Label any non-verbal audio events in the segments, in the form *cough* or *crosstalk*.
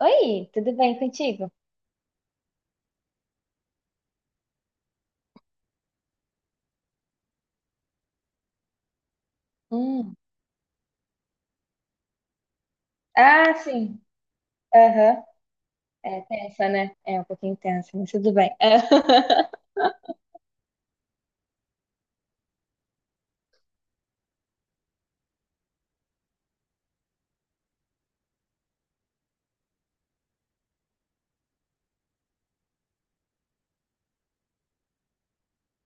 Oi, tudo bem contigo? Hum. Ah, sim. Aham. É tensa, né? É um pouquinho tensa, mas tudo bem. É. *laughs*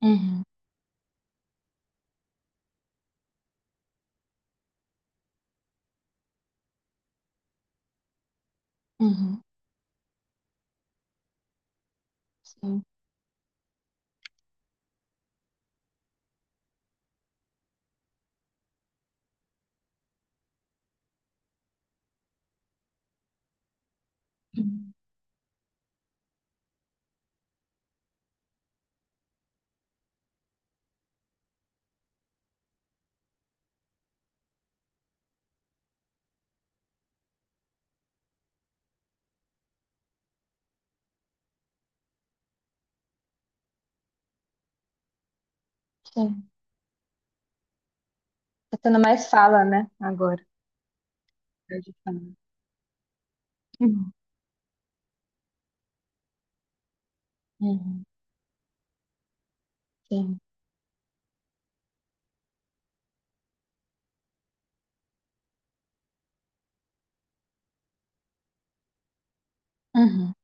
Uhum, uhum, sim. Uhum, sim. Tá tendo mais fala, né? Agora. Eu de fala. Uhum, uhum, sim. Uhum,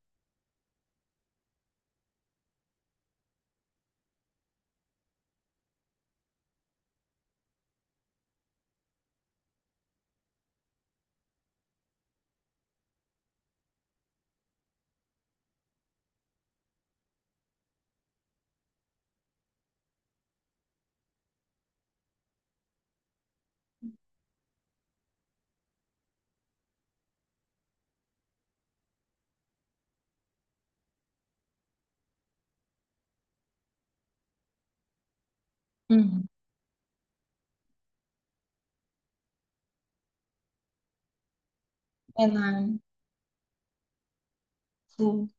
uhum. É, não, sim.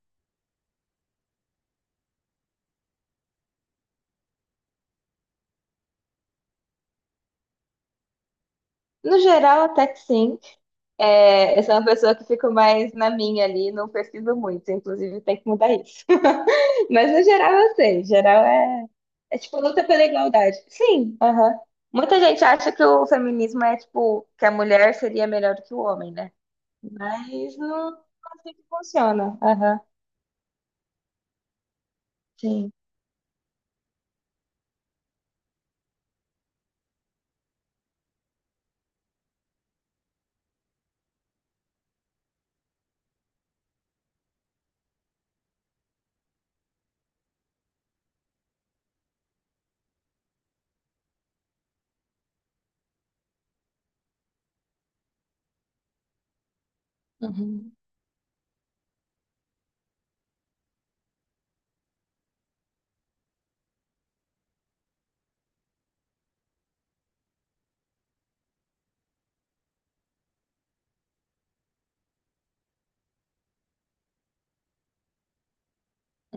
No geral, até que sim. É, eu sou uma pessoa que fico mais na minha ali, não pesquiso muito, inclusive tem que mudar isso. *laughs* Mas no geral eu sei, geral é, é tipo luta pela igualdade. Sim, aham. Muita gente acha que o feminismo é tipo que a mulher seria melhor do que o homem, né? Mas não é assim que funciona. Aham. Sim. Uhum.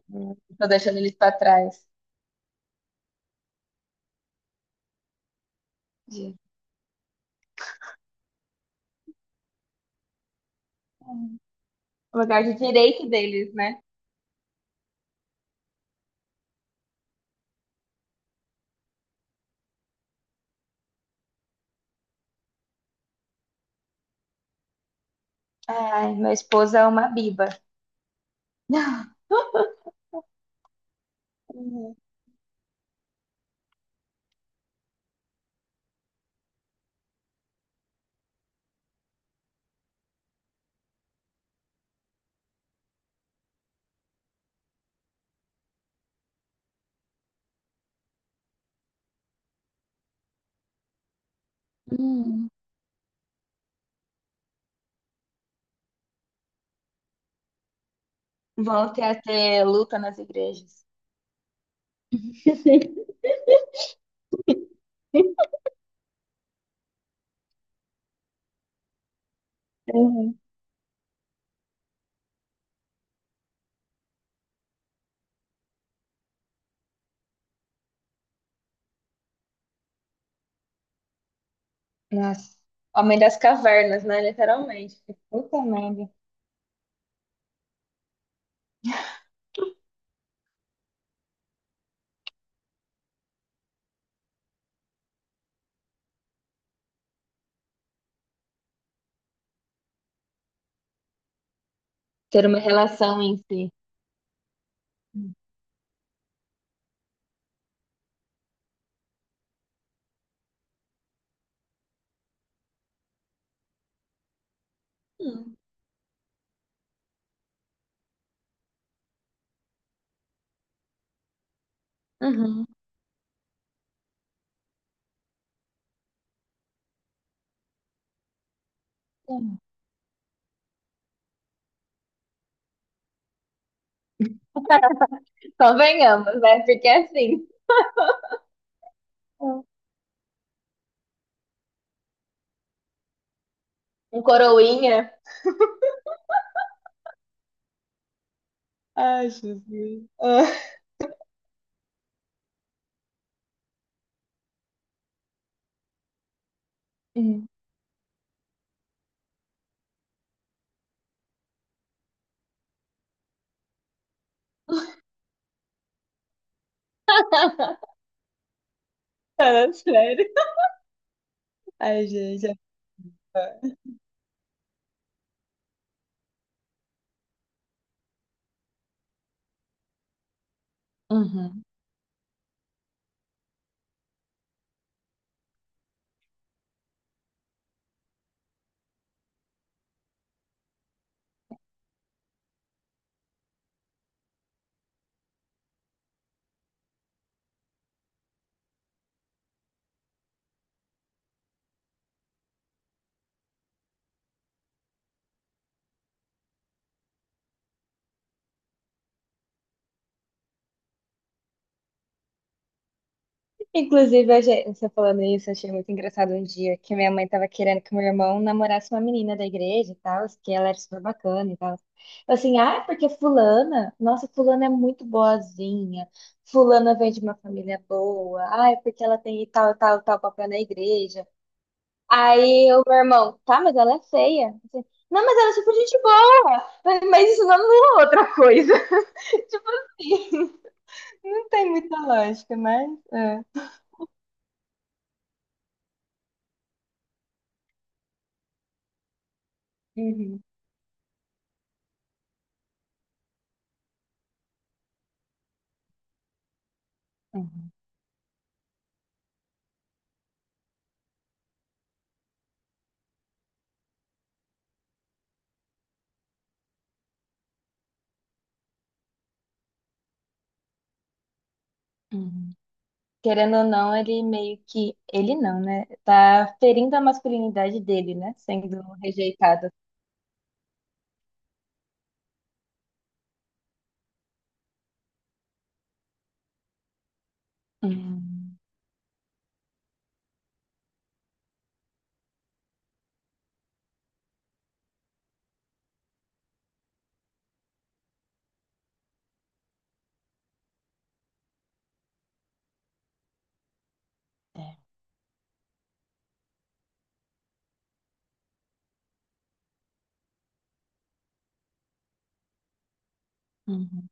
Uhum. Tô deixando eles pra trás. De- Hum. O lugar de direito deles, né? Ai, minha esposa é uma biba. *laughs* Uhum. Hum. Vão ter a ter luta nas igrejas. *laughs* Uhum. Nossa, homem das cavernas, né? Literalmente. Puta merda. Ter uma relação em si. Hum. Uhum. Hum. Convenhamos, né? Porque é assim, hum, um coroinha. Ai, Jesus. Ah, hum. *laughs* Sério. Ai, gente. é- Uhum. Inclusive, eu já- você falando isso, eu achei muito engraçado um dia que minha mãe tava querendo que meu irmão namorasse uma menina da igreja e tal, que ela era super bacana e tal. Eu assim, ah, é porque fulana, nossa, fulana é muito boazinha, fulana vem de uma família boa, ah, é porque ela tem tal, tal, tal papel na igreja. Aí o meu irmão, tá, mas ela é feia. Eu assim, não, mas ela é super gente boa, mas isso não anula outra coisa. *laughs* Tipo assim, não tem muita lógica, mas... é. Uhum, uhum, uhum. Querendo ou não, ele meio que. Ele não, né? Tá ferindo a masculinidade dele, né? Sendo rejeitado. Hum, é. Uhum.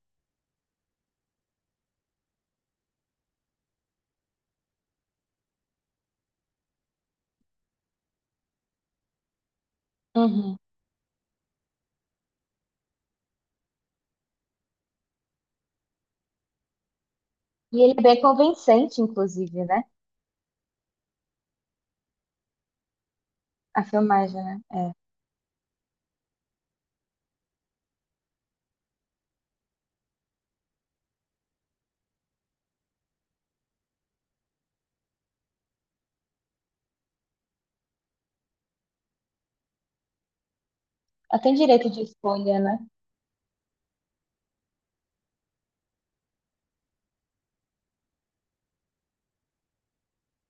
Uhum. E ele é bem convincente, inclusive, né? A filmagem, né? É. Ela tem direito de escolha, né?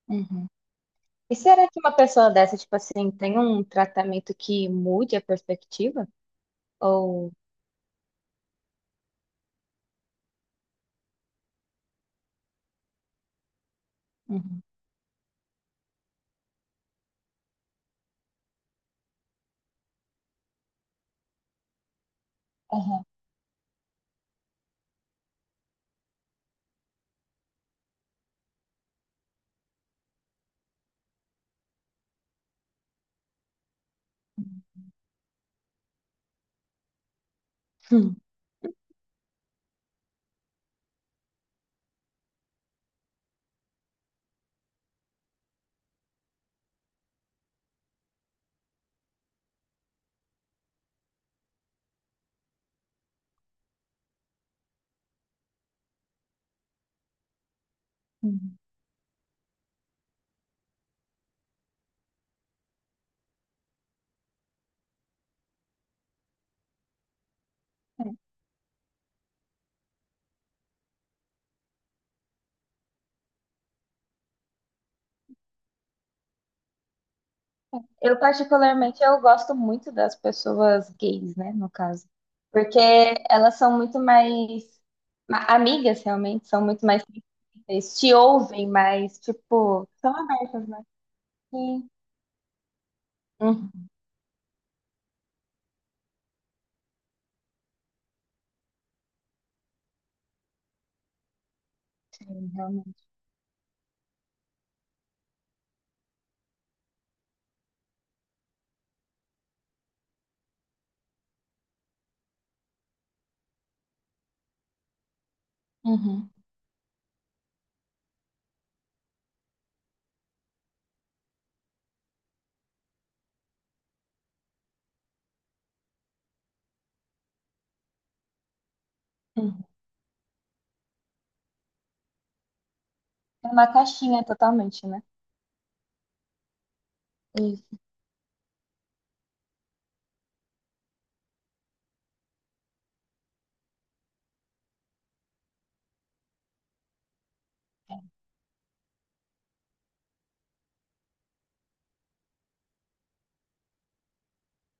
Uhum. E será que uma pessoa dessa, tipo assim, tem um tratamento que mude a perspectiva? Ou. Uhum. Aham. Hum. Eu particularmente eu gosto muito das pessoas gays, né, no caso, porque elas são muito mais amigas realmente, são muito mais sensíveis, te ouvem mais, tipo, são abertas, né? Sim. Uhum, realmente. Uhum, uhum. É uma caixinha totalmente, né? Isso.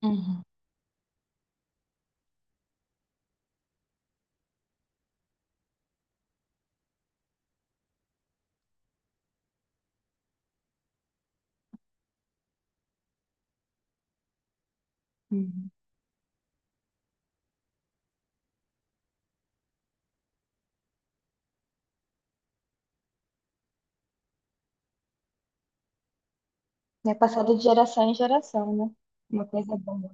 Uhum, uhum. É passado de geração em geração, né? Uma coisa boa.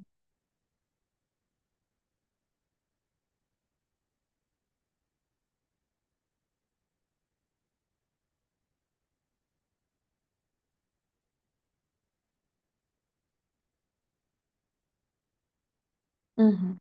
Uhum.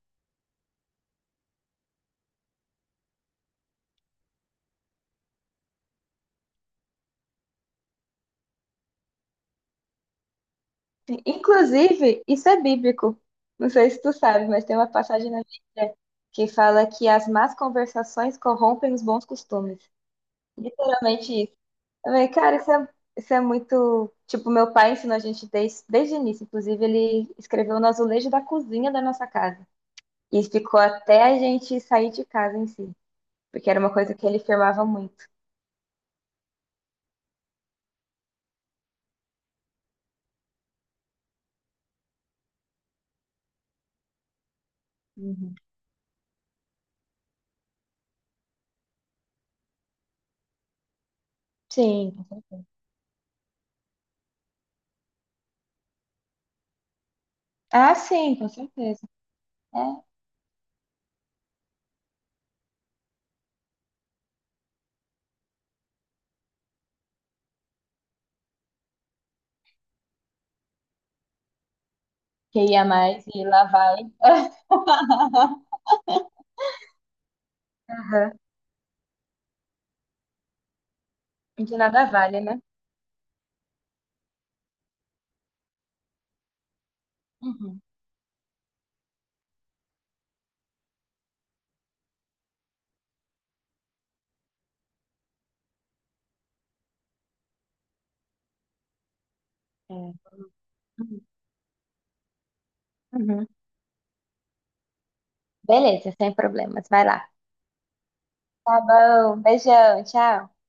Inclusive, isso é bíblico. Não sei se tu sabe, mas tem uma passagem na Bíblia que fala que as más conversações corrompem os bons costumes. Literalmente isso. Eu falei, cara, isso é muito. Tipo, meu pai ensinou a gente desde o início. Inclusive, ele escreveu no azulejo da cozinha da nossa casa. E ficou até a gente sair de casa em si. Porque era uma coisa que ele firmava muito. Uhum. Sim, com certeza. Ah, sim, com certeza. É. Que ia mais e lá vai. *laughs* De nada vale, né? Uhum, é. Uhum. Beleza, sem problemas. Vai lá. Tá bom. Beijão. Tchau.